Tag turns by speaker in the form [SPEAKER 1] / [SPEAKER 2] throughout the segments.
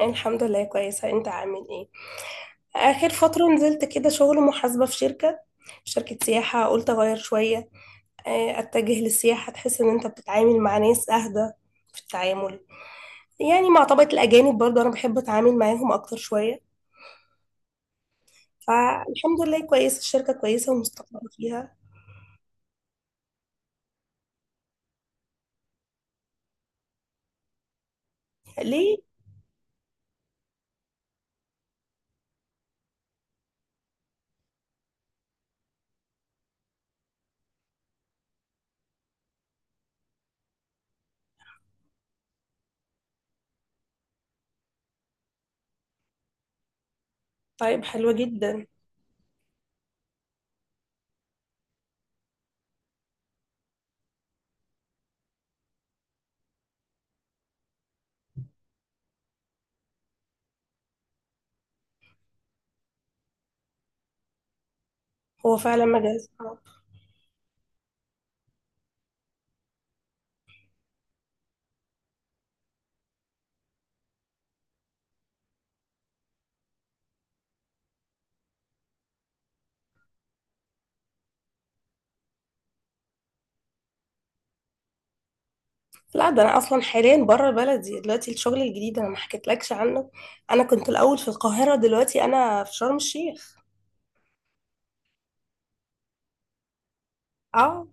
[SPEAKER 1] الحمد لله كويسة. انت عامل ايه؟ اخر فترة نزلت كده شغل محاسبة في شركة سياحة، قلت اغير شوية. اتجه للسياحة تحس ان انت بتتعامل مع ناس اهدى في التعامل، يعني مع طبقة الاجانب برضه انا بحب اتعامل معاهم اكتر شوية. فالحمد لله كويسة، الشركة كويسة ومستقرة فيها. ليه؟ طيب حلوة جدا. هو فعلا مجال صعب. لا، ده انا اصلا حاليا بره بلدي، دلوقتي الشغل الجديد انا ما حكيتلكش عنه. انا كنت الاول في القاهرة، دلوقتي انا في شرم الشيخ. اه.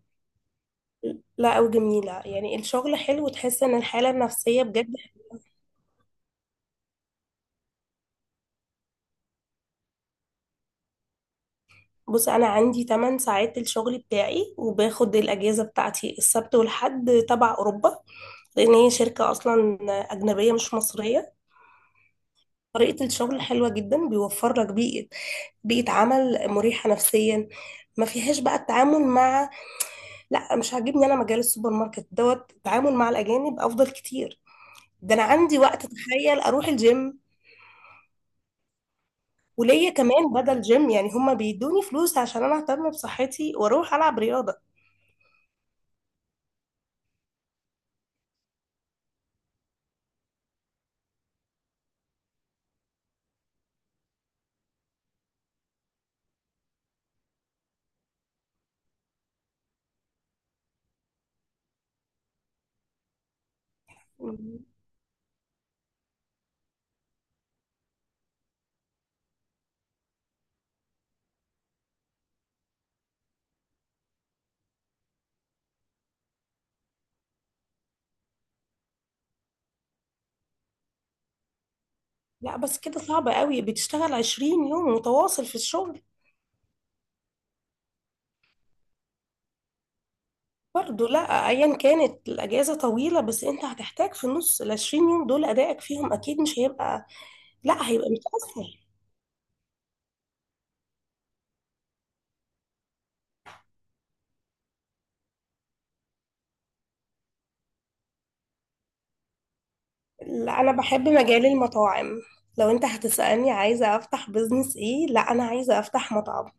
[SPEAKER 1] لا وجميلة، يعني الشغل حلو وتحس ان الحالة النفسية بجد. بص، انا عندي 8 ساعات الشغل بتاعي، وباخد الاجازة بتاعتي السبت والحد تبع اوروبا، لان هي شركة اصلا اجنبية مش مصرية. طريقة الشغل حلوة جدا، بيوفر لك بيئة عمل مريحة نفسيا، ما فيهاش بقى التعامل مع، لا مش عاجبني انا مجال السوبر ماركت دوت، التعامل مع الاجانب افضل كتير. ده انا عندي وقت، تخيل اروح الجيم. وليا كمان بدل جيم يعني، هما بيدوني فلوس عشان انا اهتم بصحتي واروح العب رياضة. لا، بس كده صعب قوي، بتشتغل 20 يوم متواصل في الشغل؟ برضه لا ايا كانت الاجازة طويلة، بس انت هتحتاج في النص ال 20 يوم دول ادائك فيهم اكيد مش هيبقى، لا هيبقى متأثر. لا انا بحب مجال المطاعم، لو انت هتسألني عايزة افتح بزنس ايه، لا انا عايزة افتح مطعم.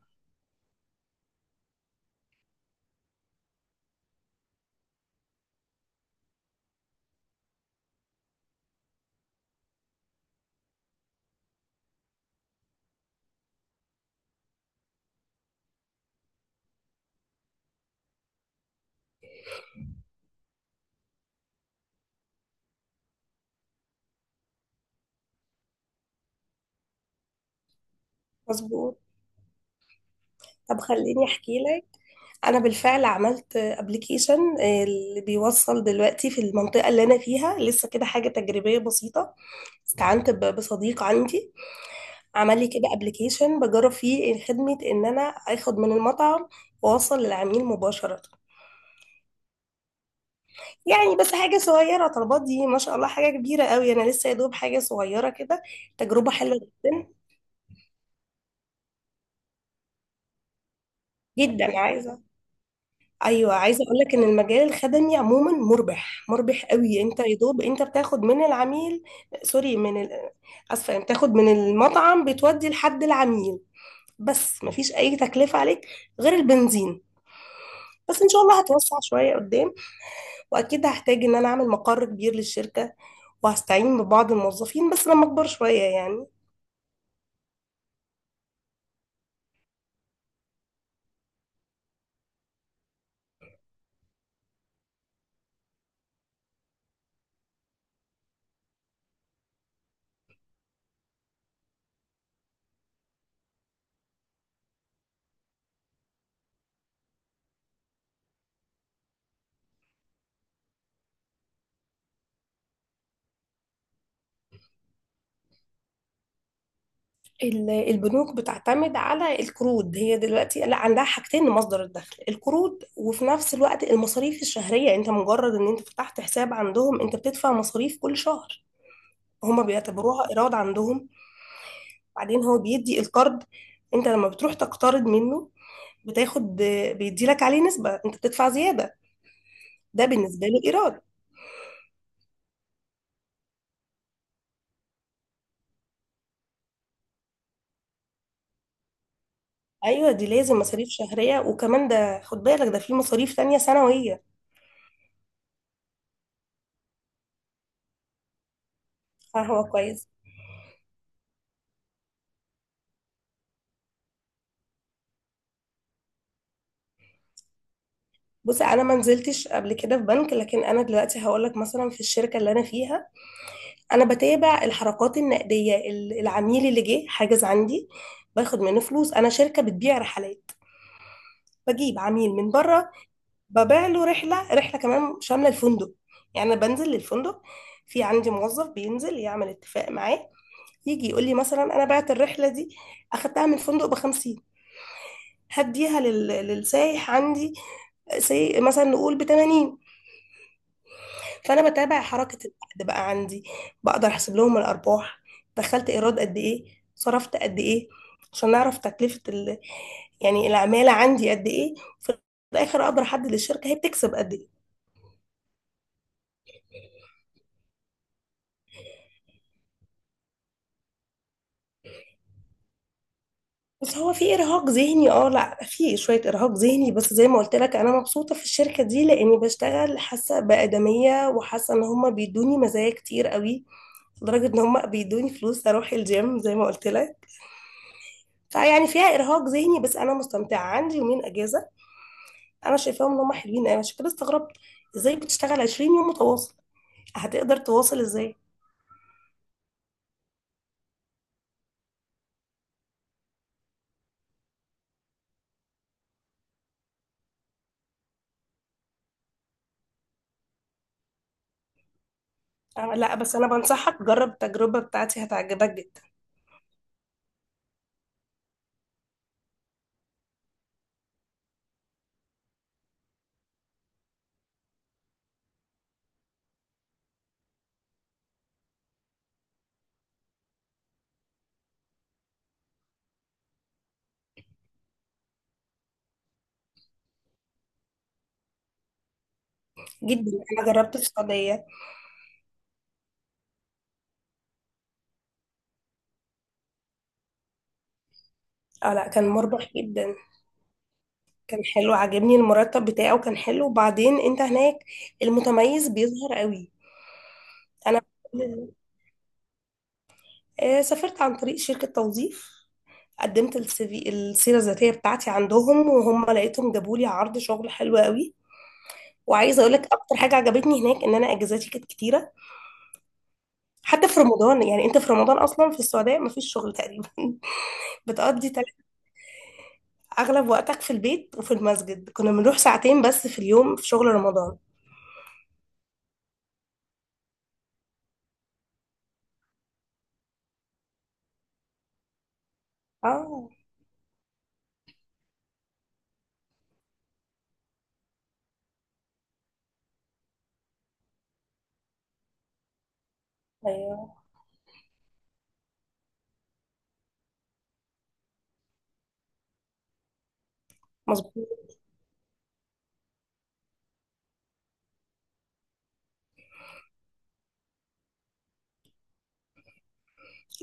[SPEAKER 1] مظبوط. طب خليني احكي لك. انا بالفعل عملت ابلكيشن اللي بيوصل دلوقتي في المنطقه اللي انا فيها، لسه كده حاجه تجريبيه بسيطه. استعنت بصديق عندي عمل لي كده ابلكيشن بجرب فيه خدمه ان انا اخد من المطعم واوصل للعميل مباشره. يعني بس حاجه صغيره، طلبات دي ما شاء الله حاجه كبيره قوي، انا لسه يا دوب حاجه صغيره كده، تجربه حلوه. جدا. جدا عايزه. ايوه عايزه اقول لك ان المجال الخدمي عموما مربح، مربح قوي، انت يا دوب انت بتاخد من العميل، سوري من ال... اسفه يعني، بتاخد من المطعم بتودي لحد العميل، بس مفيش اي تكلفه عليك غير البنزين. بس ان شاء الله هتوسع شويه قدام، واكيد هحتاج ان انا اعمل مقر كبير للشركه، وهستعين ببعض الموظفين بس لما اكبر شويه يعني. البنوك بتعتمد على القروض، هي دلوقتي لا عندها حاجتين لمصدر الدخل، القروض وفي نفس الوقت المصاريف الشهرية. انت مجرد ان انت فتحت حساب عندهم انت بتدفع مصاريف كل شهر، هما بيعتبروها ايراد عندهم. بعدين هو بيدي القرض، انت لما بتروح تقترض منه بتاخد، بيدي لك عليه نسبة، انت بتدفع زيادة، ده بالنسبة له ايراد. ايوه دي لازم مصاريف شهرية، وكمان ده خد بالك ده في مصاريف تانية سنوية. فهو كويس. بصي، انا ما نزلتش قبل كده في بنك، لكن انا دلوقتي هقول لك مثلا في الشركه اللي انا فيها، انا بتابع الحركات النقديه. العميل اللي جه حاجز عندي، باخد منه فلوس. انا شركه بتبيع رحلات، بجيب عميل من بره، ببيع له رحله. رحله كمان شامله الفندق، يعني انا بنزل للفندق، في عندي موظف بينزل يعمل اتفاق معاه، يجي يقول لي مثلا انا بعت الرحله دي، اخدتها من الفندق ب 50، هديها لل... للسايح عندي سي... مثلا نقول ب 80. فانا بتابع حركه العقد بقى عندي، بقدر احسب لهم الارباح، دخلت ايراد قد ايه، صرفت قد ايه، عشان نعرف تكلفه ال... يعني العماله عندي قد ايه. في الاخر اقدر احدد الشركه هي بتكسب قد ايه. بس هو في ارهاق ذهني، اه لا في شويه ارهاق ذهني، بس زي ما قلت لك انا مبسوطه في الشركه دي لاني بشتغل حاسه بادميه، وحاسه ان هما بيدوني مزايا كتير قوي، لدرجه ان هما بيدوني فلوس اروح الجيم زي ما قلت لك. فيعني فيها ارهاق ذهني بس انا مستمتعه. عندي يومين اجازه انا شايفاهم ان هم حلوين أوي، عشان كده استغربت ازاي بتشتغل 20 يوم متواصل، هتقدر تواصل ازاي؟ أنا لا، بس انا بنصحك جرب التجربه بتاعتي هتعجبك جدا. جدا. انا جربت السعوديه. اه لا كان مربح جدا. كان حلو، عجبني المرتب بتاعه كان حلو، وبعدين انت هناك المتميز بيظهر قوي. انا سافرت عن طريق شركه توظيف، قدمت السي في السيره الذاتيه بتاعتي عندهم، وهم لقيتهم جابوا لي عرض شغل حلو قوي. وعايزه اقول لك اكتر حاجه عجبتني هناك ان انا اجازاتي كانت كتيره، حتى في رمضان. يعني انت في رمضان اصلا في السعوديه مفيش شغل تقريبا بتقضي تل- اغلب وقتك في البيت وفي المسجد، كنا بنروح ساعتين بس في اليوم في شغل رمضان. اه ايوه مظبوط.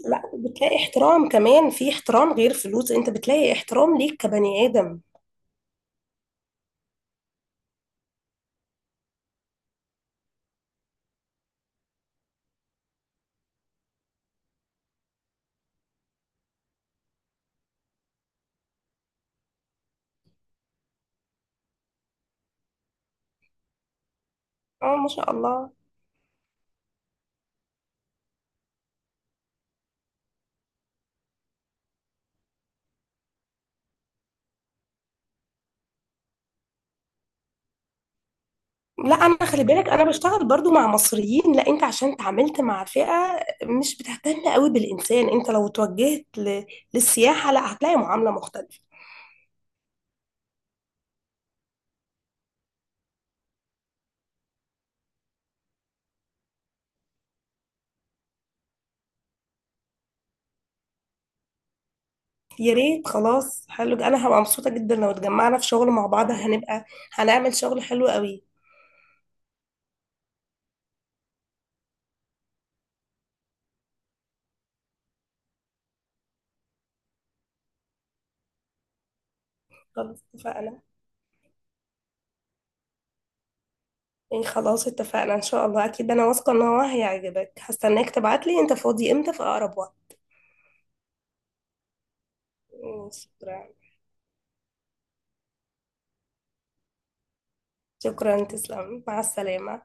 [SPEAKER 1] لا بتلاقي احترام كمان، في احترام غير فلوس، انت بتلاقي احترام ليك كبني ادم. اه ما شاء الله. لا انا خلي بالك انا بشتغل برضو مع مصريين، لا انت عشان اتعاملت مع فئه مش بتهتم قوي بالانسان، انت لو توجهت ل... للسياحه لا هتلاقي معامله مختلفه. يا ريت، خلاص حلو، انا هبقى مبسوطة جدا لو اتجمعنا في شغل مع بعض، هنبقى هنعمل شغل حلو قوي. خلاص اتفقنا. ايه خلاص اتفقنا ان شاء الله، اكيد انا واثقة ان هو هيعجبك، هستناك تبعتلي، انت فاضي امتى في اقرب وقت؟ شكرا. شكرا تسلم، مع السلامة.